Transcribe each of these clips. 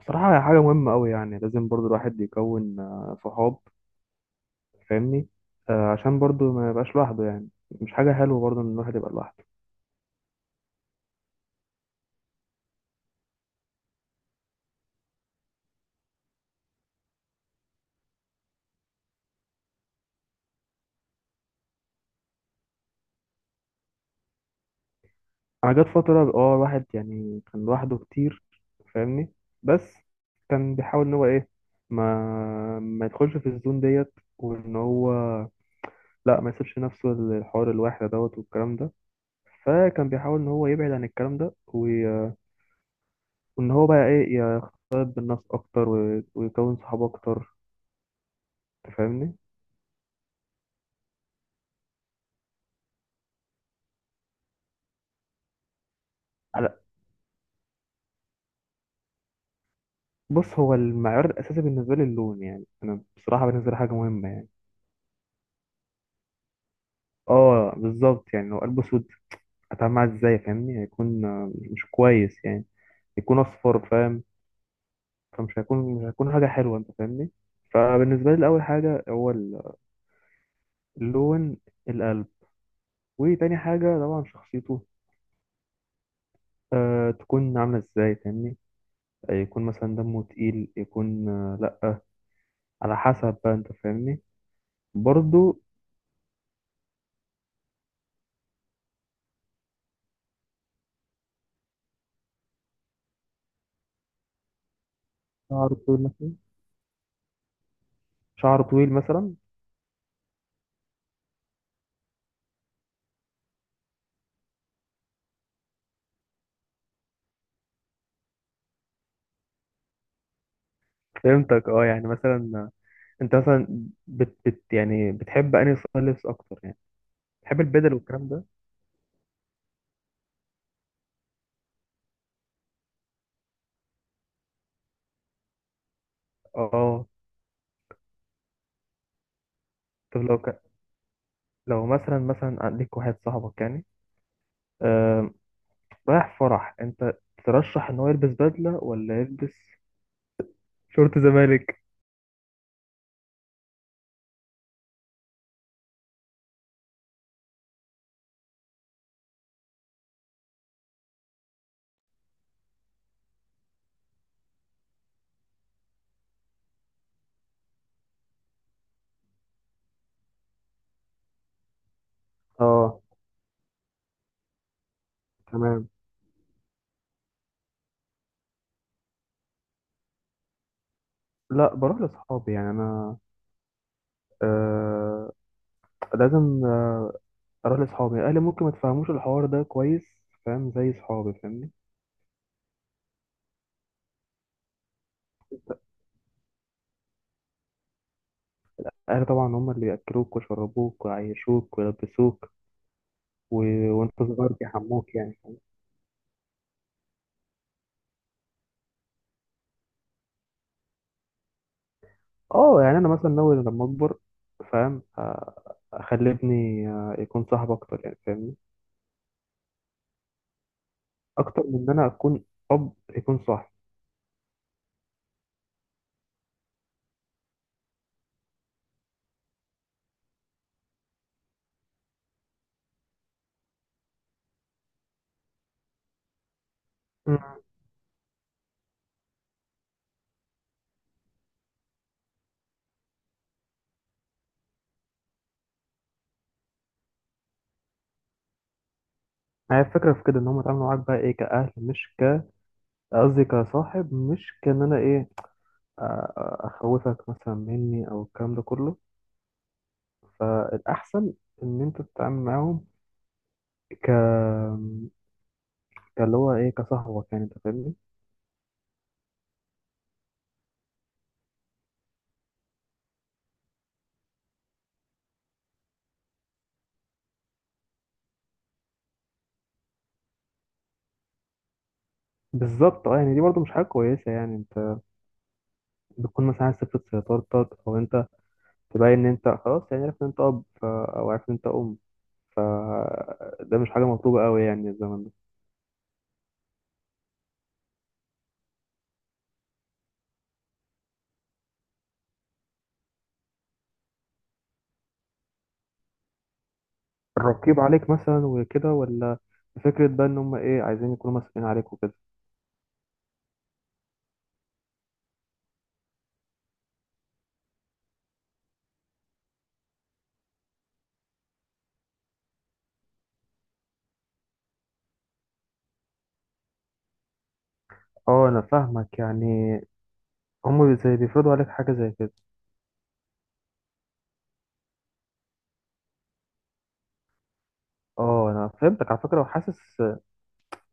بصراحة هي حاجة مهمة أوي، يعني لازم برضو الواحد يكون صحاب. فاهمني؟ عشان برضو ما يبقاش لوحده، يعني مش حاجة حلوة برضو إن الواحد يبقى لوحده. أنا جت فترة اه الواحد يعني كان لوحده كتير. فاهمني؟ بس كان بيحاول إن هو إيه، ما يدخلش في الزون ديت، وإن هو لا، ما يسيبش نفسه الحوار الواحد دوت والكلام ده. فكان بيحاول إن هو يبعد عن الكلام ده وإن هو بقى إيه، يختلط بالناس أكتر ويكون صحاب أكتر. تفهمني؟ بص، هو المعيار الاساسي بالنسبه لي اللون، يعني انا بصراحه بالنسبه لي حاجه مهمه يعني. اه بالظبط، يعني لو قلبه اسود، هتعامل معاه ازاي؟ فاهمني؟ هيكون مش كويس يعني. يكون اصفر، فاهم؟ فمش هيكون، مش هيكون حاجه حلوه، انت فاهمني؟ فبالنسبه لي اول حاجه هو اللون، القلب. وتاني حاجه طبعا شخصيته، آه تكون عامله ازاي، فاهمني؟ يكون مثلا دمه تقيل، يكون آه لا، على حسب بقى، انت فاهمني؟ برضو. شعر طويل مثلا. شعر طويل مثلا. فهمتك، اه يعني مثلا انت مثلا بت يعني بتحب انهي ستايل لبس اكتر يعني؟ بتحب البدل والكلام ده؟ اه. طب لو ك...، لو مثلا عندك واحد صاحبك يعني، آه...، رايح فرح انت، ترشح ان هو يلبس بدله، ولا يلبس شورت زمالك؟ اه تمام. لا، بروح لاصحابي يعني. انا آه لازم اروح لاصحابي. اهلي ممكن ما تفهموش الحوار ده كويس، فاهم؟ زي صحابي، فاهمني؟ اهلي طبعا هم اللي بياكلوك ويشربوك ويعيشوك ويلبسوك و...، وانت صغير بيحموك، يعني فاهم؟ اه يعني انا مثلا ناوي لما اكبر فاهم، اخلي ابني يكون صاحب اكتر يعني، فاهمني؟ اكتر من ان انا اكون اب، يكون صاحب. مم. هي الفكرة في كده، ان هم يتعاملوا معاك بقى ايه، كأهل مش ك، قصدي كصاحب مش كان انا ايه، اخوفك مثلا مني او الكلام ده كله. فالاحسن ان انت تتعامل معاهم ك، كاللي هو ايه، كصاحبك يعني، انت فاهمني؟ بالظبط اه، يعني دي برضو مش حاجة كويسة يعني، بتكون مثلا عايز تفرض سيطرتك، او انت تبين ان انت خلاص يعني عرفت ان انت اب ف...، او عرفت ان انت ام ف، ده مش حاجه مطلوبه قوي يعني الزمن ده. الرقيب عليك مثلا وكده، ولا فكره بقى ان هم ايه، عايزين يكونوا مسؤولين عليك وكده. اه انا فاهمك، يعني هم زي بيفرضوا عليك حاجه زي كده. اه انا فهمتك على فكره، وحاسس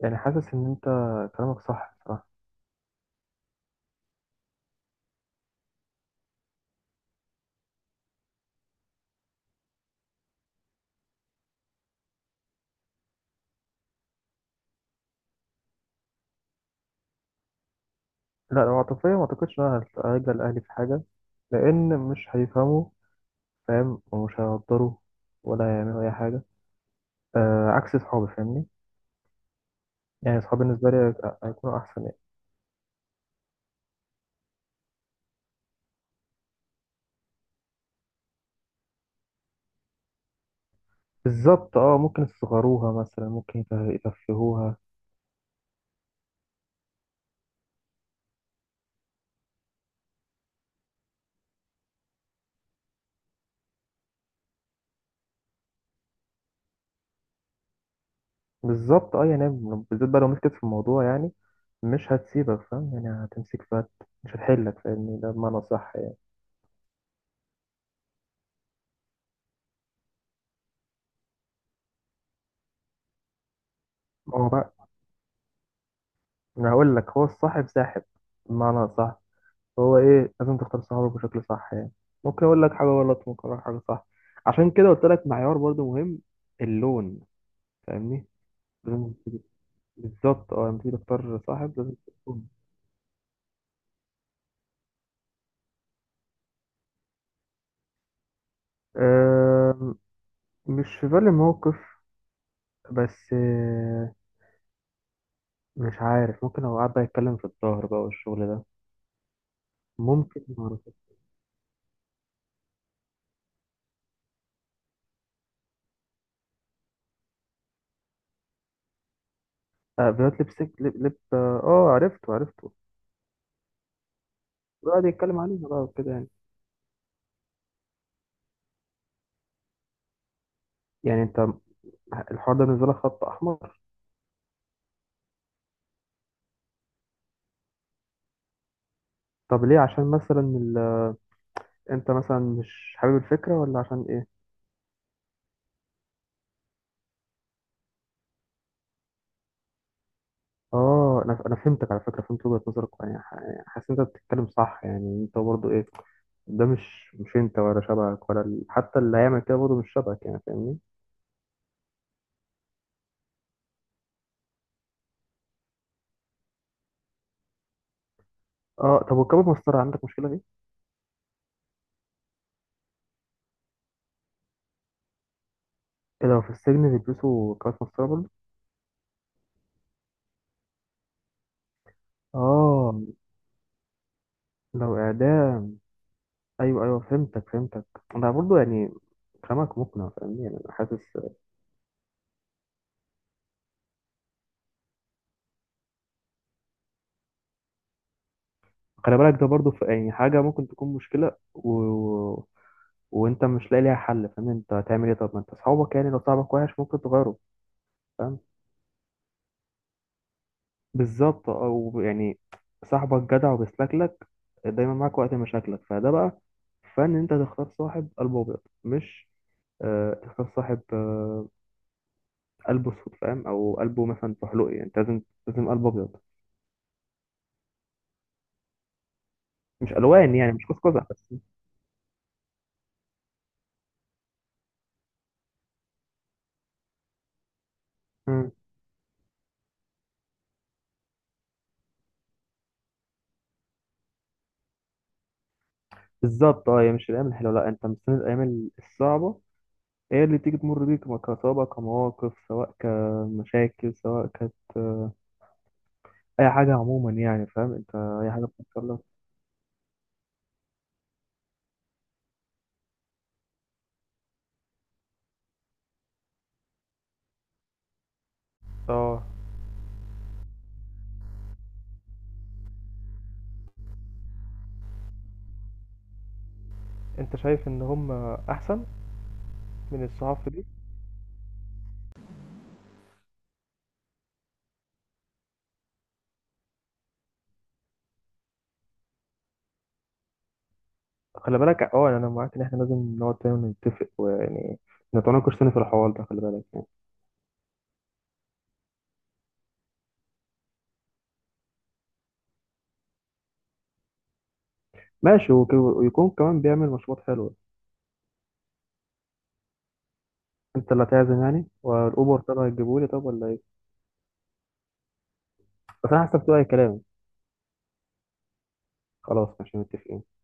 يعني، حاسس ان انت كلامك صح بصراحه. لا، لو عاطفيه ما اعتقدش ان انا هرجع لاهلي في حاجه، لان مش هيفهموا، فاهم؟ ومش هيقدروا، ولا هيعملوا اي حاجه. آه عكس صحابي، فاهمني؟ يعني صحابي بالنسبة لي هيكونوا أحسن يعني. بالظبط اه، ممكن يصغروها مثلا، ممكن يتفهوها. بالظبط اه يعني، بالذات بقى لو مسكت في الموضوع يعني، مش هتسيبك فاهم يعني، هتمسك فات، مش هتحلك، فاهمني؟ ده بمعنى صح يعني. ما هو بقى، أنا هقول لك، هو الصاحب ساحب، بمعنى صح، هو إيه، لازم تختار صحابك بشكل صح يعني. ممكن أقول لك حاجة غلط، ممكن أقول لك حاجة صح، عشان كده قلت لك معيار برضو مهم، اللون، فاهمني؟ بالظبط اه، لما تيجي تختار صاحب لازم تكون آه. مش في بالي موقف، بس آه مش عارف، ممكن لو قعد بقى يتكلم في الظهر بقى والشغل ده. ممكن ما اعرفش. آه بيوت لبسك لب لب اه، عرفته عرفته، قعد يتكلم عليها بقى وكده يعني. يعني انت الحوار ده بالنسبة لك خط احمر؟ طب ليه، عشان مثلا ال...، انت مثلا مش حابب الفكرة، ولا عشان ايه؟ اه، انا فهمتك على فكرة، فهمت وجهة نظرك يعني، يعني حاسس ان انت بتتكلم صح يعني، انت برضه ايه، ده مش انت، ولا شبهك، ولا ال...، حتى اللي هيعمل كده برضه مش شبهك يعني، فاهمني؟ اه طب، وكباب مسطرة عندك مشكلة فيه؟ إيه، لو في السجن بيلبسوا كباب مسطرة برضه؟ اه لو إعدام. أيوه أيوه، فهمتك فهمتك. أنا برضه يعني كلامك مقنع، فاهمني؟ يعني أنا حاسس. خلي بالك، ده برضه يعني حاجة ممكن تكون مشكلة و...، وأنت مش لاقي ليها حل، فاهمني؟ أنت هتعمل إيه؟ طب ما أنت أصحابك يعني، لو صاحبك وحش ممكن تغيره. فاهم. بالظبط، او يعني صاحبك جدع وبيسلكلك، دايما معاك وقت مشاكلك، فده بقى فن، انت تختار صاحب قلبه ابيض، مش آه تختار صاحب آه قلبه اسود، فاهم؟ او قلبه مثلا فحلوقي، يعني انت لازم، لازم قلبه ابيض. مش الوان يعني، مش قزقزه بس. مم. بالظبط اه، هي مش الايام الحلوه، لا، انت مستني الايام الصعبه، هي اللي تيجي تمر بيك، كصعوبة، كمواقف، سواء كمشاكل، سواء كانت اي حاجه عموما يعني، فاهم؟ انت اي حاجه بتحصل لك. اه. أنت شايف إن هم أحسن من الصحافة دي؟ خلي بالك أه، يعني أنا معاك إن إحنا لازم نقعد تاني نتفق، ويعني نتناقش تاني في الحوار ده، خلي بالك. ماشي، ويكون كمان بيعمل مشروبات حلوة. أنت اللي هتعزم يعني، والأوبر تبع هتجيبهولي، طب ولا إيه؟ بس أنا حسبته أي كلام. خلاص مش متفقين.